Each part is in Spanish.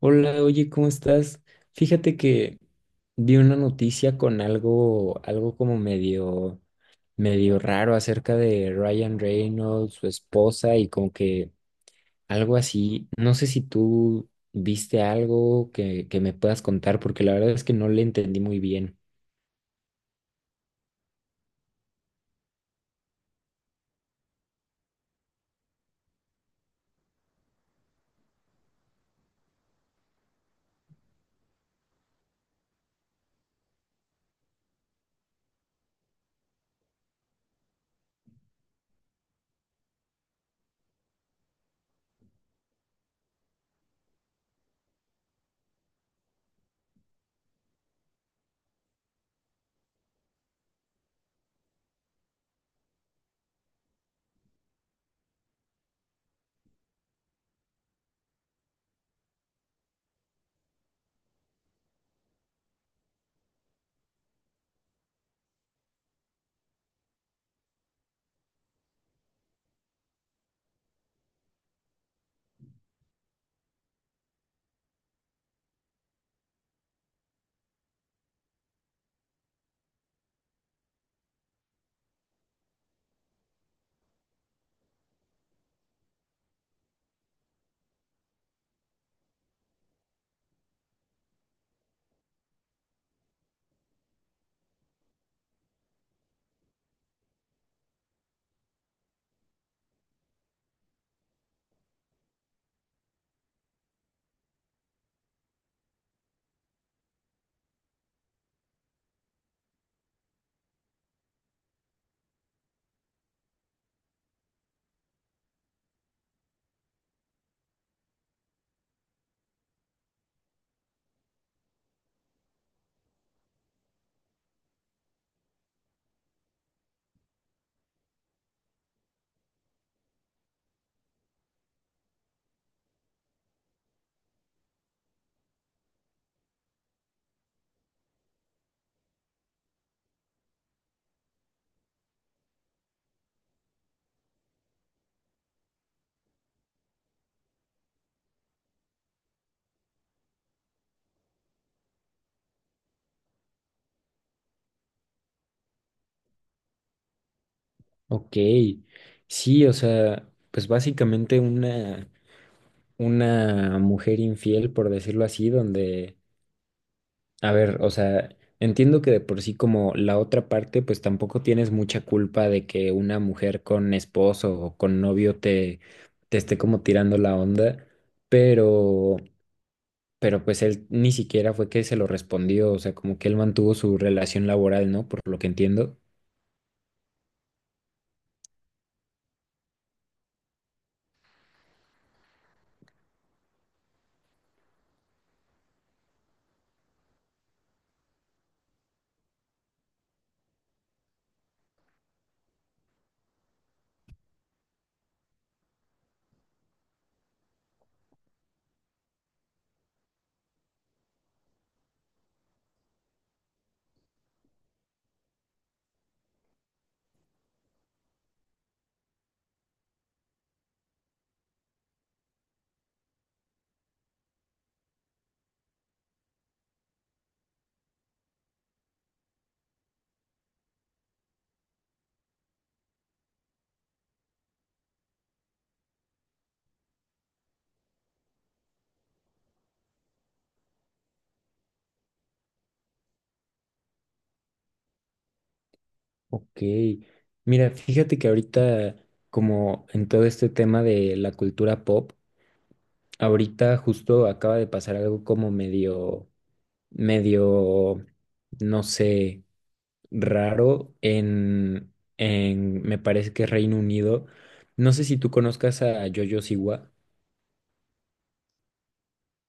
Hola, oye, ¿cómo estás? Fíjate que vi una noticia con algo como medio raro acerca de Ryan Reynolds, su esposa y como que algo así. No sé si tú viste algo que me puedas contar, porque la verdad es que no le entendí muy bien. Ok, sí, o sea, pues básicamente una mujer infiel, por decirlo así, donde a ver, o sea, entiendo que de por sí como la otra parte, pues tampoco tienes mucha culpa de que una mujer con esposo o con novio te esté como tirando la onda, pero, pero pues él ni siquiera fue que se lo respondió, o sea, como que él mantuvo su relación laboral, ¿no? Por lo que entiendo. Ok, mira, fíjate que ahorita, como en todo este tema de la cultura pop, ahorita justo acaba de pasar algo como medio, no sé, raro me parece que Reino Unido. No sé si tú conozcas a Jojo Siwa,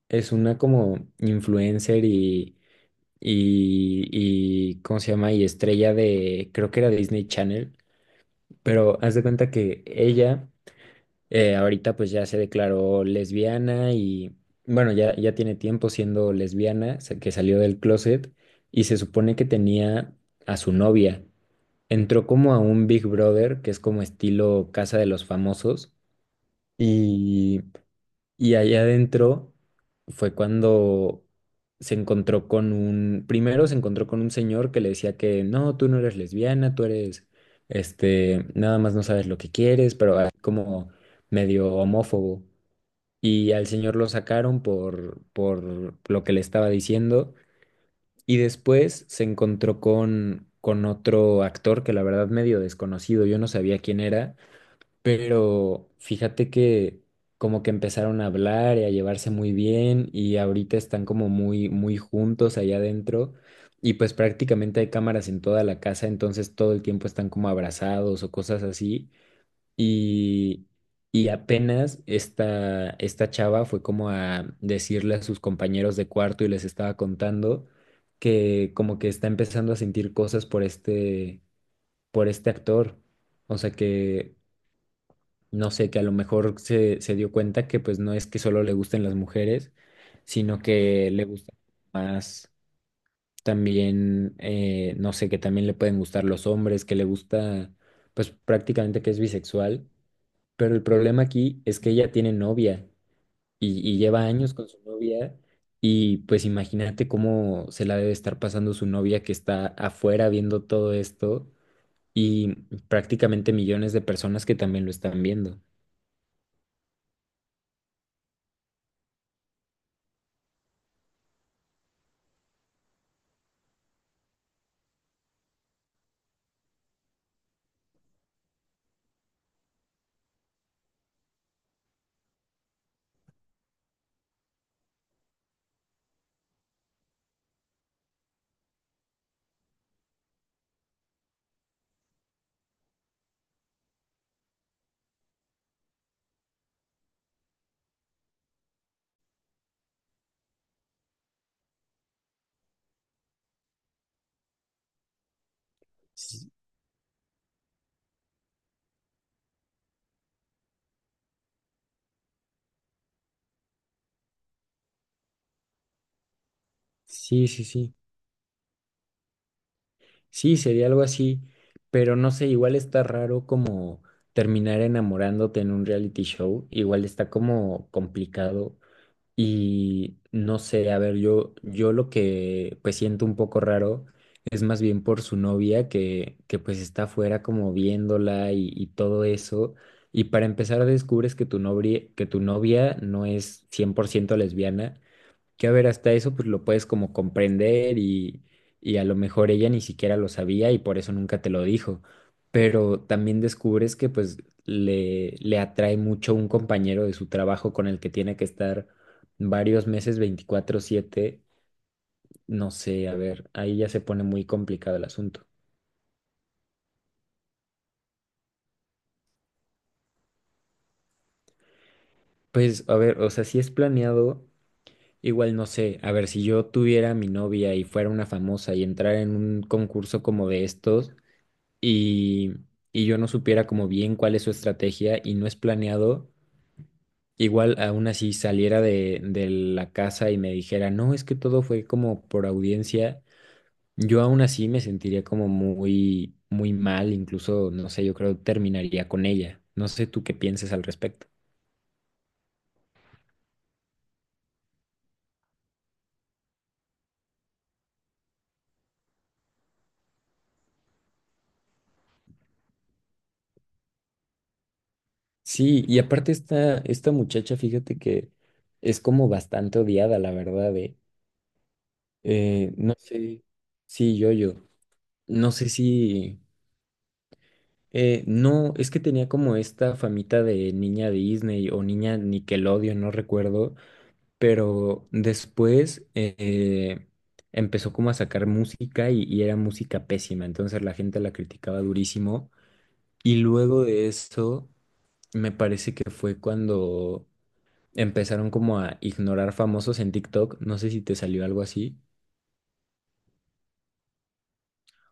es una como influencer y, ¿cómo se llama? Y estrella de, creo que era Disney Channel. Pero haz de cuenta que ella ahorita pues ya se declaró lesbiana y bueno, ya tiene tiempo siendo lesbiana, que salió del closet y se supone que tenía a su novia. Entró como a un Big Brother, que es como estilo Casa de los Famosos, y allá adentro fue cuando se encontró con primero se encontró con un señor que le decía que no, tú no eres lesbiana, tú eres nada más no sabes lo que quieres, pero así como medio homófobo. Y al señor lo sacaron por lo que le estaba diciendo. Y después se encontró con otro actor que la verdad medio desconocido, yo no sabía quién era, pero fíjate que como que empezaron a hablar y a llevarse muy bien y ahorita están como muy, muy juntos allá adentro y pues prácticamente hay cámaras en toda la casa, entonces todo el tiempo están como abrazados o cosas así y, y apenas esta chava fue como a decirle a sus compañeros de cuarto y les estaba contando que como que está empezando a sentir cosas por por este actor, o sea que no sé, que a lo mejor se dio cuenta que pues no es que solo le gusten las mujeres, sino que le gusta más también, no sé, que también le pueden gustar los hombres, que le gusta, pues prácticamente que es bisexual, pero el problema aquí es que ella tiene novia y lleva años con su novia y pues imagínate cómo se la debe estar pasando su novia que está afuera viendo todo esto. Y prácticamente millones de personas que también lo están viendo. Sí, sí, sí, sí. Sí, sería algo así, pero no sé, igual está raro como terminar enamorándote en un reality show, igual está como complicado y no sé, a ver, yo lo que pues siento un poco raro es más bien por su novia que pues está afuera como viéndola y todo eso, y para empezar descubres que que tu novia no es 100% lesbiana. Que a ver, hasta eso pues lo puedes como comprender y a lo mejor ella ni siquiera lo sabía y por eso nunca te lo dijo. Pero también descubres que pues le atrae mucho un compañero de su trabajo con el que tiene que estar varios meses 24/7. No sé, a ver, ahí ya se pone muy complicado el asunto. Pues a ver, o sea, si es planeado, igual no sé, a ver, si yo tuviera a mi novia y fuera una famosa y entrara en un concurso como de estos. Y, y yo no supiera como bien cuál es su estrategia y no es planeado, igual aún así saliera de la casa y me dijera, no, es que todo fue como por audiencia, yo aún así me sentiría como muy, muy mal, incluso, no sé, yo creo terminaría con ella. No sé tú qué pienses al respecto. Sí, y aparte esta muchacha, fíjate que es como bastante odiada, la verdad, eh. No sé, sí, yo, no sé si, no, es que tenía como esta famita de niña Disney o niña Nickelodeon, no recuerdo, pero después empezó como a sacar música y era música pésima, entonces la gente la criticaba durísimo. Y luego de eso, me parece que fue cuando empezaron como a ignorar famosos en TikTok, no sé si te salió algo así.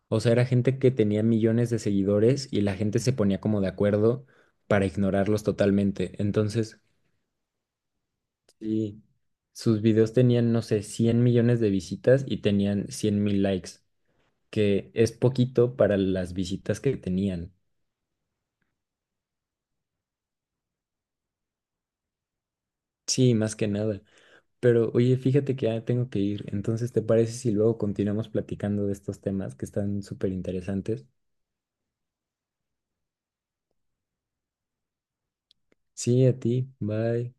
O sea, era gente que tenía millones de seguidores y la gente se ponía como de acuerdo para ignorarlos totalmente. Entonces, sí, sus videos tenían, no sé, 100 millones de visitas y tenían 100 mil likes, que es poquito para las visitas que tenían. Sí, más que nada. Pero oye, fíjate que ya tengo que ir. Entonces, ¿te parece si luego continuamos platicando de estos temas que están súper interesantes? Sí, a ti. Bye.